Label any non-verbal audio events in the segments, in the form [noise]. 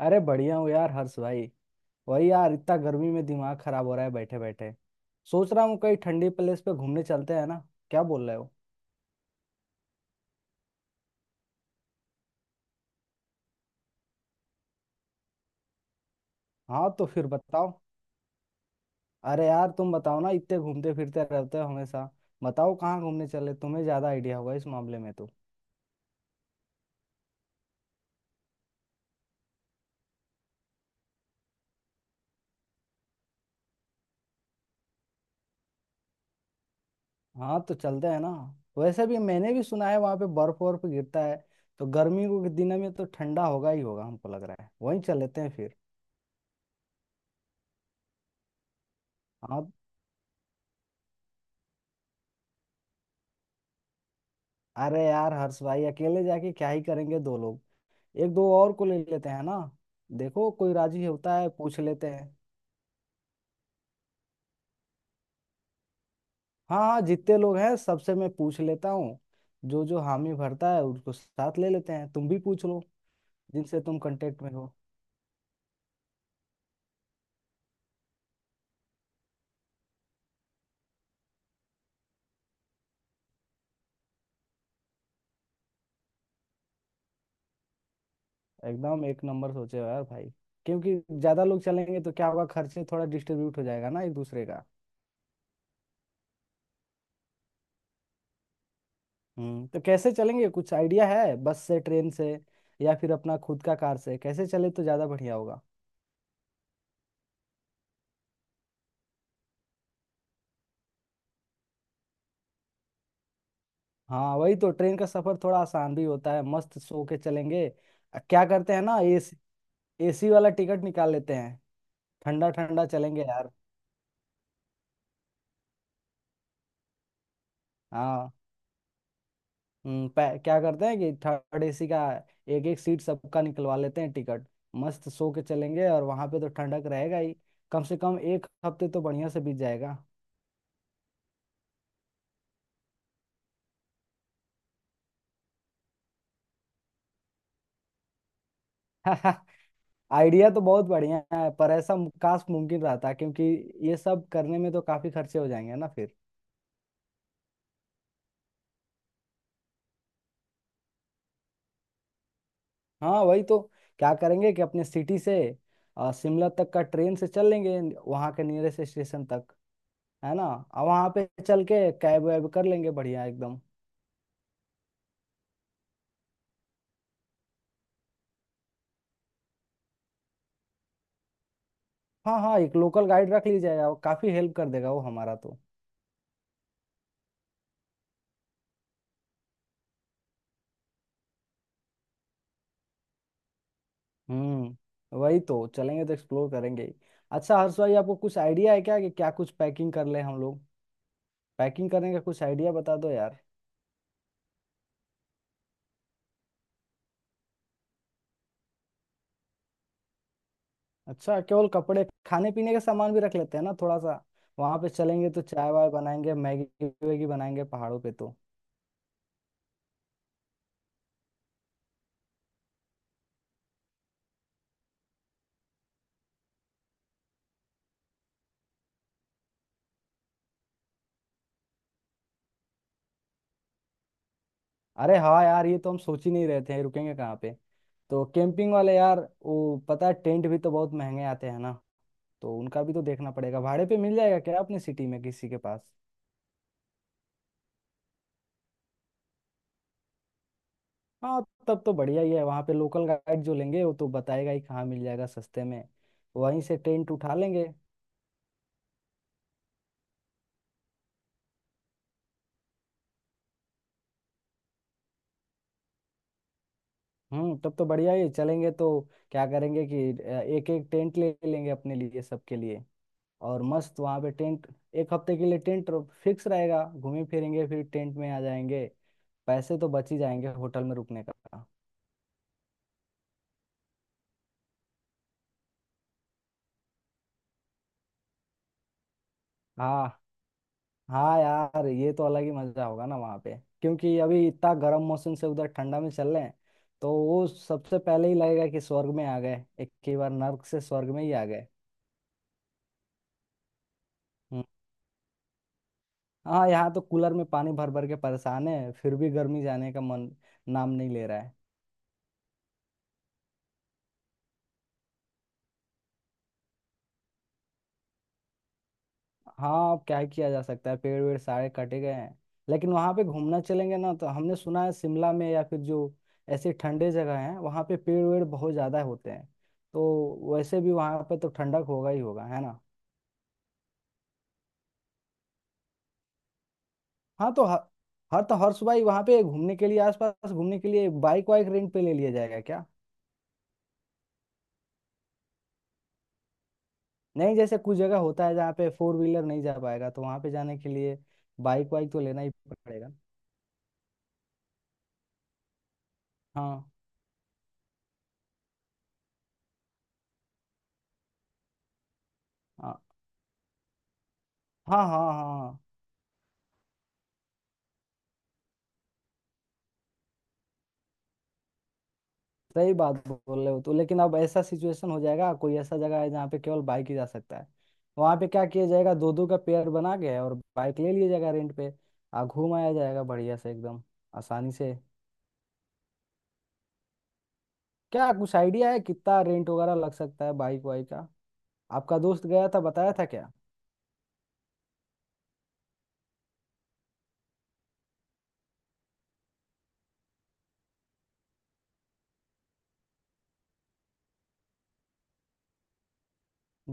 अरे बढ़िया हूँ यार हर्ष भाई। वही यार, इतना गर्मी में दिमाग खराब हो रहा है बैठे बैठे। सोच रहा हूँ कहीं ठंडी प्लेस पे घूमने चलते हैं ना, क्या बोल रहे हो? हाँ तो फिर बताओ। अरे यार तुम बताओ ना, इतने घूमते फिरते रहते हो हमेशा। बताओ कहाँ घूमने चले, तुम्हें ज्यादा आइडिया होगा इस मामले में तो। हाँ तो चलते हैं ना। वैसे भी मैंने भी सुना है वहाँ पे बर्फ वर्फ गिरता है, तो गर्मी के दिनों में तो ठंडा होगा ही होगा। हमको लग रहा है वहीं चल लेते हैं फिर। हाँ, अरे यार हर्ष भाई, अकेले जाके क्या ही करेंगे दो लोग। एक दो और को ले लेते हैं ना। देखो कोई राजी होता है पूछ लेते हैं। हाँ हाँ जितने लोग हैं सबसे मैं पूछ लेता हूँ। जो जो हामी भरता है उसको साथ ले लेते हैं। तुम भी पूछ लो जिनसे तुम कांटेक्ट में हो। एकदम एक नंबर सोचे हो यार भाई। क्योंकि ज्यादा लोग चलेंगे तो क्या होगा, खर्चे थोड़ा डिस्ट्रीब्यूट हो जाएगा ना एक दूसरे का। हम्म, तो कैसे चलेंगे, कुछ आइडिया है? बस से, ट्रेन से या फिर अपना खुद का कार से, कैसे चले तो ज्यादा बढ़िया होगा? हाँ वही तो, ट्रेन का सफर थोड़ा आसान भी होता है, मस्त सो के चलेंगे। क्या करते हैं ना, एसी, एसी वाला टिकट निकाल लेते हैं। ठंडा ठंडा चलेंगे यार। हाँ। क्या करते हैं कि थर्ड एसी का एक एक सीट सबका निकलवा लेते हैं टिकट। मस्त सो के चलेंगे और वहां पे तो ठंडक रहेगा ही। कम से कम एक हफ्ते तो बढ़िया से बीत जाएगा। [laughs] आइडिया तो बहुत बढ़िया है, पर ऐसा काश मुमकिन रहता, क्योंकि ये सब करने में तो काफी खर्चे हो जाएंगे ना फिर। हाँ वही तो। क्या करेंगे कि अपने सिटी से शिमला तक का ट्रेन से चल लेंगे, वहाँ के नियरेस्ट स्टेशन तक। है ना, और वहाँ पे चल के कैब वैब कर लेंगे बढ़िया एकदम। हाँ हाँ एक लोकल गाइड रख लीजिए यार, काफी हेल्प कर देगा वो हमारा तो। वही तो, चलेंगे तो एक्सप्लोर करेंगे ही। अच्छा हर्ष भाई, आपको कुछ आइडिया है क्या कि क्या कुछ पैकिंग कर ले हम लोग? पैकिंग करने का कुछ आइडिया बता दो यार। अच्छा, केवल कपड़े, खाने पीने का सामान भी रख लेते हैं ना थोड़ा सा। वहां पे चलेंगे तो चाय वाय बनाएंगे, मैगी वैगी बनाएंगे पहाड़ों पे तो। अरे हाँ यार ये तो हम सोच ही नहीं रहे थे रुकेंगे कहाँ पे। तो कैंपिंग वाले यार, वो, पता है टेंट भी तो बहुत महंगे आते हैं ना। तो उनका भी तो देखना पड़ेगा, भाड़े पे मिल जाएगा क्या अपनी सिटी में किसी के पास। हाँ, तब तो बढ़िया ही है, वहाँ पे लोकल गाइड जो लेंगे वो तो बताएगा ही कहाँ मिल जाएगा सस्ते में। वहीं से टेंट उठा लेंगे। हम्म, तब तो बढ़िया ही है। चलेंगे तो क्या करेंगे कि एक एक टेंट ले लेंगे अपने लिए, सबके लिए। और मस्त वहाँ पे टेंट, एक हफ्ते के लिए टेंट फिक्स रहेगा, घूमे फिरेंगे फिर टेंट में आ जाएंगे। पैसे तो बच ही जाएंगे होटल में रुकने का। हाँ, हाँ यार ये तो अलग ही मजा होगा ना वहाँ पे, क्योंकि अभी इतना गर्म मौसम से उधर ठंडा में चल रहे हैं। तो वो सबसे पहले ही लगेगा कि स्वर्ग में आ गए, एक ही बार नर्क से स्वर्ग में ही आ गए। हाँ यहाँ तो कूलर में पानी भर भर के परेशान है, फिर भी गर्मी जाने का मन नाम नहीं ले रहा है। हाँ अब क्या ही किया जा सकता है, पेड़ वेड़ सारे कटे गए हैं। लेकिन वहाँ पे घूमना चलेंगे ना तो, हमने सुना है शिमला में या फिर जो ऐसे ठंडे जगह हैं वहाँ पे पेड़ वेड़ बहुत ज़्यादा होते हैं। तो वैसे भी वहाँ पे तो ठंडक होगा ही होगा, है ना। हाँ तो हर हर तो हर सुबह ही वहाँ पे घूमने के लिए, आसपास घूमने के लिए बाइक वाइक रेंट पे ले लिया जाएगा क्या? नहीं जैसे कुछ जगह होता है जहाँ पे फोर व्हीलर नहीं जा पाएगा, तो वहाँ पे जाने के लिए बाइक वाइक तो लेना ही पड़ेगा। हाँ हाँ हाँ। हाँ हाँ सही बात बोल रहे हो तो, लेकिन अब ऐसा सिचुएशन हो जाएगा, कोई ऐसा जगह है जहाँ पे केवल बाइक ही जा सकता है। वहाँ पे क्या किया जाएगा, दो दो का पेयर बना के और बाइक ले लिया जाएगा रेंट पे, आ घूम आया जाएगा बढ़िया से एकदम, आसानी से। क्या कुछ आइडिया है कितना रेंट वगैरह लग सकता है बाइक वाइक का? आपका दोस्त गया था, बताया था क्या?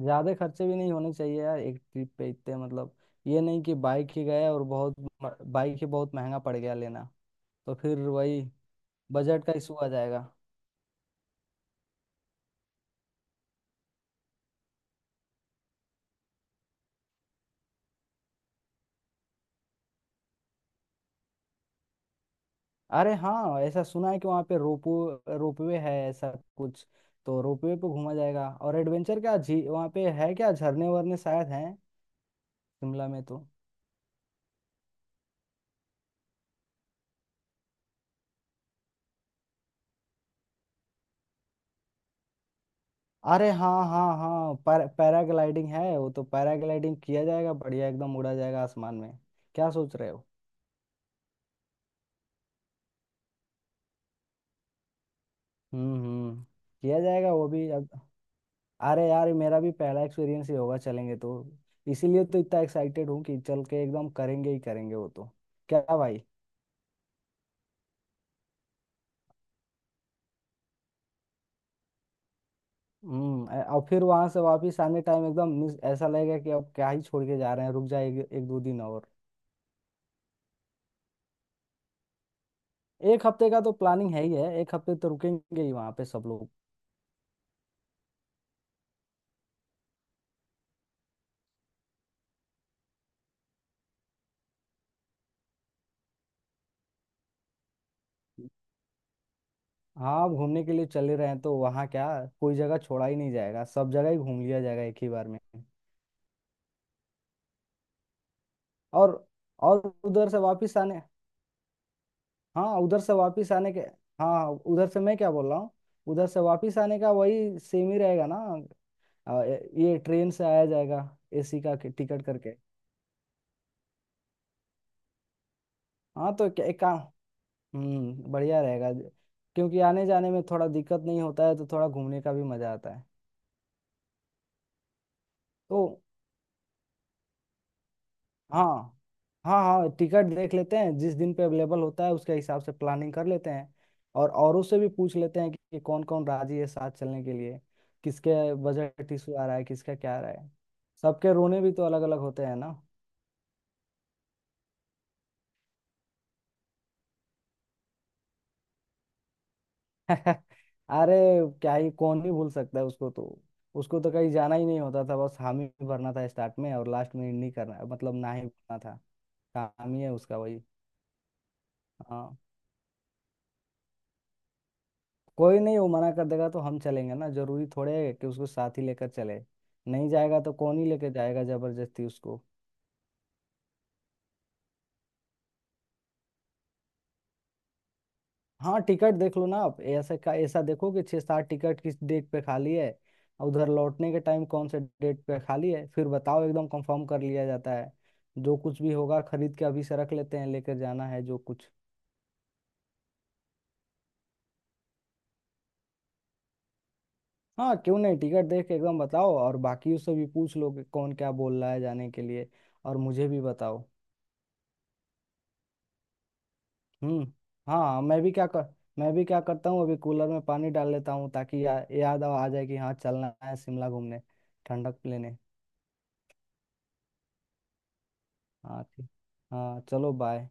ज्यादा खर्चे भी नहीं होने चाहिए यार एक ट्रिप पे, इतने मतलब, ये नहीं कि बाइक ही गए और बहुत, बाइक ही बहुत महंगा पड़ गया लेना। तो फिर वही बजट का इशू आ जाएगा। अरे हाँ ऐसा सुना है कि वहाँ पे रोपो रोपवे है ऐसा कुछ। तो रोपवे पे घूमा जाएगा। और एडवेंचर क्या झी वहाँ पे है क्या, झरने वरने शायद हैं शिमला में तो। अरे हाँ हाँ हाँ पैराग्लाइडिंग है, वो तो पैराग्लाइडिंग किया जाएगा बढ़िया एकदम, उड़ा जाएगा आसमान में। क्या सोच रहे हो? हम्म। किया जाएगा वो भी अब। अरे यार मेरा भी पहला एक्सपीरियंस ही होगा चलेंगे तो। इसीलिए तो इतना एक्साइटेड हूँ कि चल के एकदम करेंगे ही करेंगे वो तो। क्या भाई। हम्म। और फिर वहां से वापिस आने टाइम एकदम मिस ऐसा लगेगा कि अब क्या ही छोड़ के जा रहे हैं, रुक जाए एक, एक दो दिन और। एक हफ्ते का तो प्लानिंग है ही है, एक हफ्ते तो रुकेंगे ही वहां पे सब लोग। हाँ घूमने के लिए चले रहे हैं तो वहाँ क्या, कोई जगह छोड़ा ही नहीं जाएगा, सब जगह ही घूम लिया जाएगा एक ही बार में। और और उधर से वापिस आने, हाँ उधर से वापस आने के, हाँ उधर से मैं क्या बोल रहा हूँ, उधर से वापस आने का वही सेम ही रहेगा ना। ये ट्रेन से आया जाएगा, एसी का टिकट करके। हाँ तो एक काम, बढ़िया रहेगा, क्योंकि आने जाने में थोड़ा दिक्कत नहीं होता है तो थोड़ा घूमने का भी मजा आता है। तो हाँ। हाँ हाँ टिकट देख लेते हैं जिस दिन पे अवेलेबल होता है उसके हिसाब से प्लानिंग कर लेते हैं। और औरों से भी पूछ लेते हैं कि कौन कौन राजी है साथ चलने के लिए। किसके बजट इशू आ रहा है, किसका क्या आ रहा है। सबके रोने भी तो अलग अलग होते हैं ना। [laughs] अरे, क्या ही, कौन ही भूल सकता है उसको तो। उसको तो कहीं जाना ही नहीं होता था, बस हामी ही भरना था स्टार्ट में और लास्ट में नहीं करना मतलब ना ही भरना था। काम ही है उसका वही। हाँ। कोई नहीं, वो मना कर देगा तो हम चलेंगे ना, जरूरी थोड़े है कि उसको साथ ही लेकर चले। नहीं जाएगा तो कौन ही लेकर जाएगा जबरदस्ती उसको। हाँ टिकट देख लो ना आप, ऐसा का ऐसा देखो कि छः सात टिकट किस डेट पे खाली है और उधर लौटने के टाइम कौन से डेट पे खाली है, फिर बताओ, एकदम कंफर्म कर लिया जाता है। जो कुछ भी होगा खरीद के अभी से रख लेते हैं, लेकर जाना है जो कुछ। हाँ क्यों नहीं, टिकट देख के एकदम बताओ, और बाकियों से भी पूछ लो कि कौन क्या बोल रहा है जाने के लिए। और मुझे भी बताओ। हम्म। हाँ मैं भी क्या कर मैं भी क्या करता हूँ अभी कूलर में पानी डाल लेता हूँ ताकि याद आ जाए कि हाँ चलना है शिमला घूमने, ठंडक लेने। हाँ ठीक। हाँ चलो बाय।